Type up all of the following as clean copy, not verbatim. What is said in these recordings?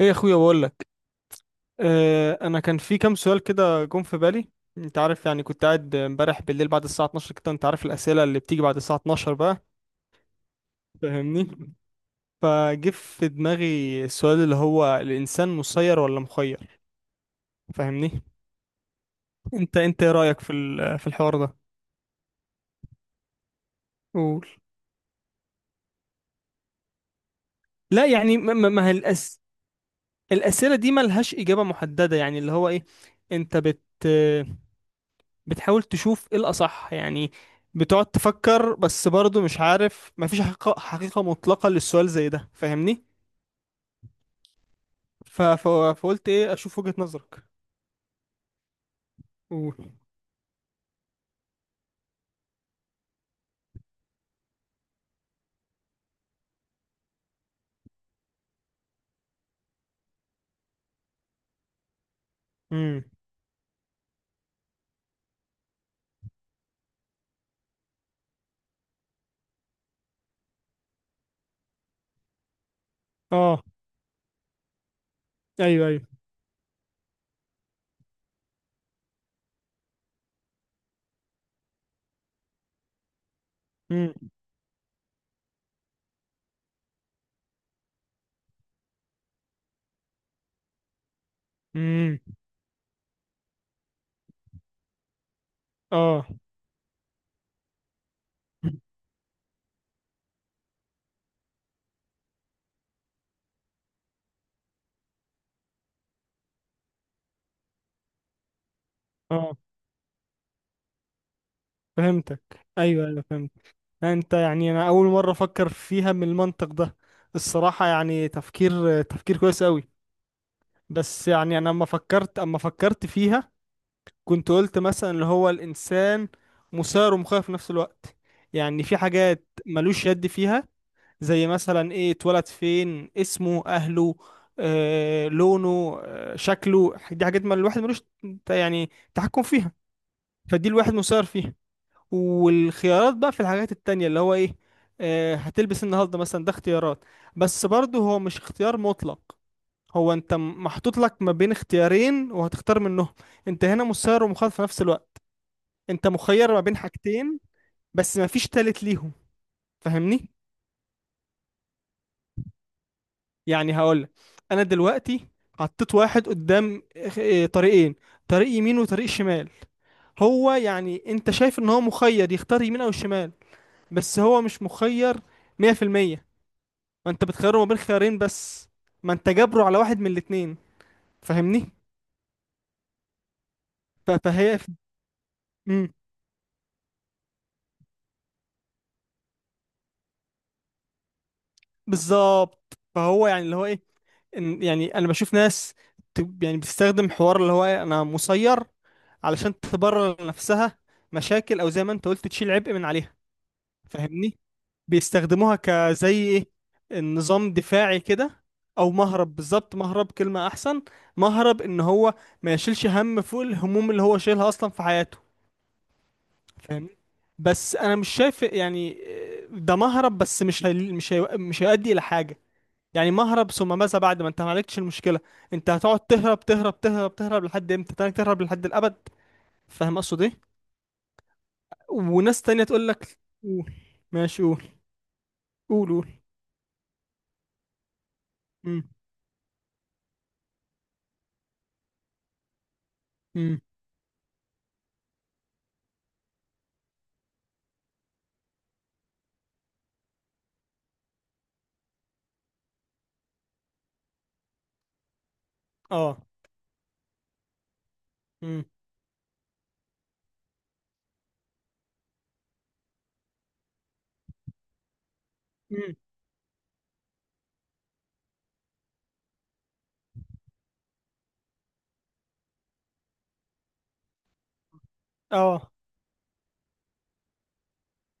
ايه يا اخويا بقول لك. انا كان في كام سؤال كده جم في بالي. انت عارف يعني كنت قاعد امبارح بالليل بعد الساعه 12 كده، انت عارف الاسئله اللي بتيجي بعد الساعه 12 بقى، فاهمني؟ فجه في دماغي السؤال اللي هو الانسان مسير ولا مخير، فاهمني؟ انت ايه رايك في الحوار ده؟ قول. لا، يعني ما هي الاسئله دي ملهاش اجابه محدده يعني اللي هو ايه. انت بت بتحاول تشوف ايه الأصح يعني. بتقعد تفكر بس برضه مش عارف، مفيش حقيقة مطلقة للسؤال زي ده، فاهمني؟ ف... ف... فقلت ايه اشوف وجهة نظرك. قول. امم. اه. ايوه ايوه. امم. امم. اه. اه فهمتك، ايوه ايوه فهمت. انت يعني انا اول مرة افكر فيها من المنطق ده، الصراحة يعني تفكير، تفكير كويس قوي. بس يعني انا اما فكرت فيها، كنت قلت مثلا اللي هو الانسان مثار ومخير في نفس الوقت. يعني في حاجات ملوش يد فيها، زي مثلا ايه اتولد فين، اسمه، اهله، آه، لونه، آه، شكله، دي حاجات ما الواحد ملوش يعني تحكم فيها. فدي الواحد مسير فيها، والخيارات بقى في الحاجات التانية اللي هو ايه، آه، هتلبس النهارده مثلا، ده اختيارات. بس برضه هو مش اختيار مطلق، هو انت محطوط لك ما بين اختيارين وهتختار منهم. انت هنا مسير ومخاطر في نفس الوقت، انت مخير ما بين حاجتين بس، ما فيش تالت ليهم، فاهمني؟ يعني هقولك، انا دلوقتي حطيت واحد قدام، اه، طريقين: طريق يمين وطريق شمال. هو يعني انت شايف ان هو مخير يختار يمين او شمال، بس هو مش مخير 100%. ما انت بتخيره ما بين خيارين بس، ما انت جابره على واحد من الاتنين، فاهمني؟ فهي. امم. بالظبط، فهو يعني اللي هو ايه، ان يعني انا بشوف ناس يعني بتستخدم حوار اللي هو إيه، انا مسير، علشان تبرر لنفسها مشاكل او زي ما انت قلت تشيل عبء من عليها، فاهمني؟ بيستخدموها كزي ايه، النظام دفاعي كده. او مهرب، بالظبط، مهرب كلمة احسن. مهرب ان هو ما يشيلش هم فوق الهموم اللي هو شايلها اصلا في حياته، فاهمني؟ بس انا مش شايف يعني، آه، ده مهرب بس مش هيؤدي الى حاجة. يعني مهرب ثم ماذا؟ بعد ما انت ما عالجتش المشكلة، انت هتقعد تهرب تهرب تهرب تهرب لحد امتى؟ تهرب تهرب لحد الابد؟ فاهم اقصد ايه؟ وناس تانية تقول لك. قول. ماشي قول. قول قول. مم. مم. اه. مم. مم. اه.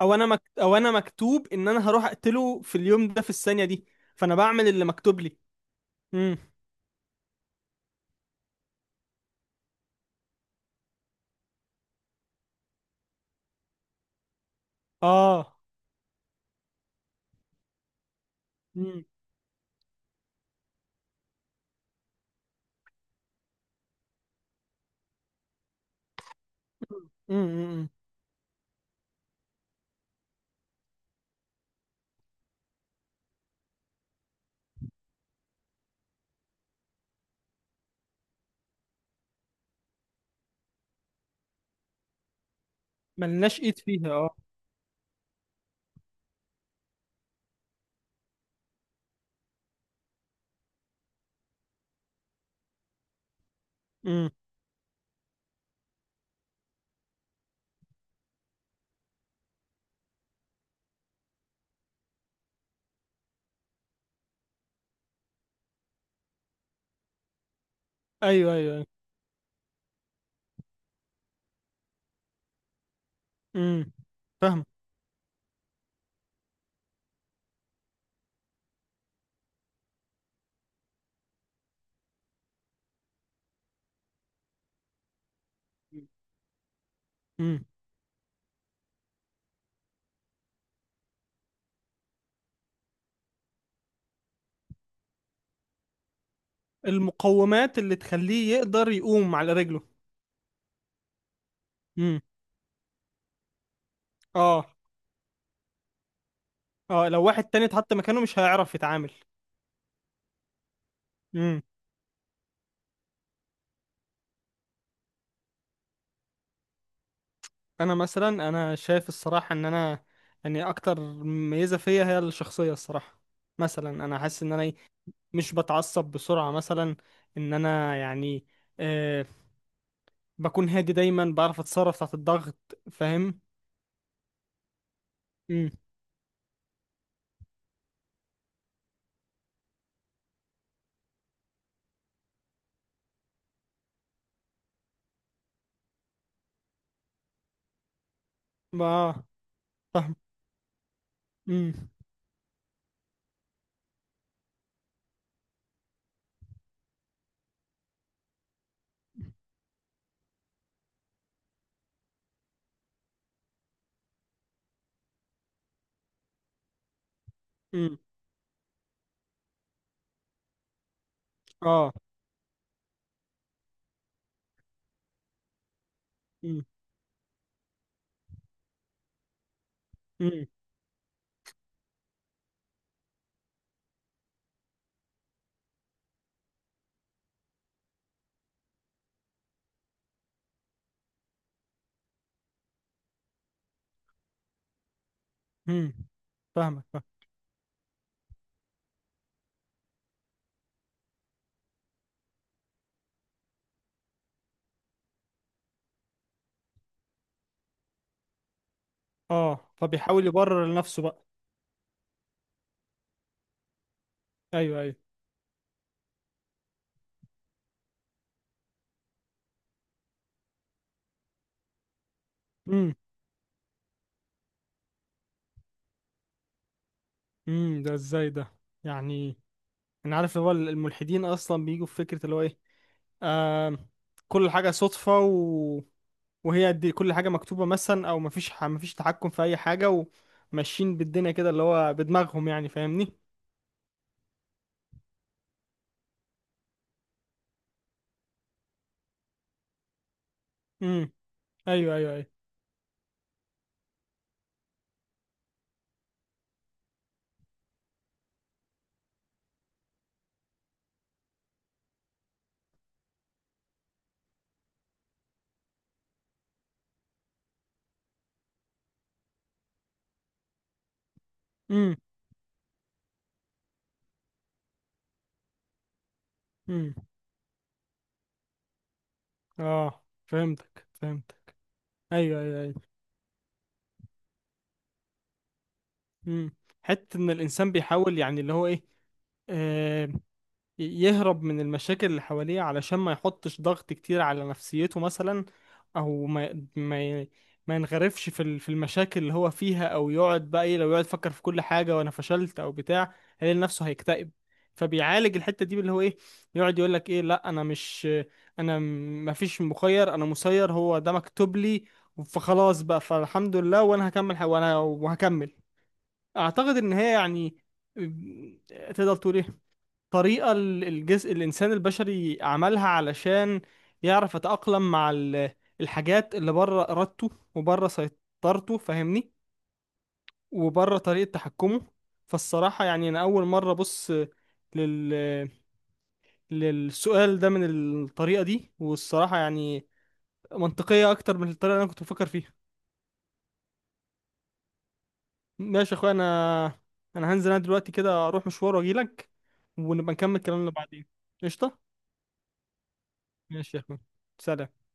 او انا مكتوب ان انا هروح اقتله في اليوم ده في الثانية دي، فانا بعمل اللي مكتوب لي. مم. اه. مم. مم. مم. ملناش ايد فيها، اه. مم. ايوه ايوه ايوه. مم. فاهم. مم. المقومات اللي تخليه يقدر يقوم على رجله. مم. اه. اه، لو واحد تاني اتحط مكانه مش هيعرف يتعامل. انا شايف الصراحه ان انا يعني اكتر ميزه فيا هي الشخصيه. الصراحه مثلا انا حاسس ان انا إيه، مش بتعصب بسرعه مثلا، ان انا يعني آه، بكون هادي دايما، بعرف اتصرف تحت الضغط، فاهم؟ امم. اه. فاهم. امم. امم. اه. امم. امم. امم. فاهمك فاهم. اه، فبيحاول يبرر لنفسه بقى. ايوه ايوه. امم. امم، ده ازاي ده؟ يعني انا عارف اللي هو الملحدين اصلا بيجوا في فكره اللي هو ايه، آه، كل حاجة صدفة، وهي دي كل حاجة مكتوبة مثلا، أو مفيش مفيش تحكم في أي حاجة. وماشيين بالدنيا كده اللي هو بدماغهم يعني، فاهمني؟ امم. أيوه أيوه أيوه. امم. امم. آه فهمتك فهمتك. أيوه أيوه أيوه. امم. حتة إن الإنسان بيحاول يعني اللي هو إيه، يهرب من المشاكل اللي حواليه علشان ما يحطش ضغط كتير على نفسيته مثلا. او ما ينغرفش في في المشاكل اللي هو فيها، او يقعد بقى ايه، لو يقعد يفكر في كل حاجه وانا فشلت او بتاع، هيلاقي نفسه هيكتئب. فبيعالج الحته دي اللي هو ايه، يقعد يقول لك ايه، لا انا ما فيش مخير، انا مسير، هو ده مكتوب لي، فخلاص بقى، فالحمد لله، وانا هكمل، وانا وهكمل. اعتقد ان هي يعني تقدر تقول ايه، طريقة الجزء الإنسان البشري عملها علشان يعرف يتأقلم مع الحاجات اللي بره إرادته وبره سيطرته، فاهمني؟ وبره طريقة تحكمه. فالصراحة يعني أنا أول مرة أبص لل... للسؤال ده من الطريقة دي، والصراحة يعني منطقية أكتر من الطريقة اللي أنا كنت بفكر فيها. ماشي يا أخويا، أنا هنزل، أنا دلوقتي كده أروح مشوار وأجيلك، ونبقى نكمل كلامنا بعدين. قشطة. ماشي يا أخويا، سلام.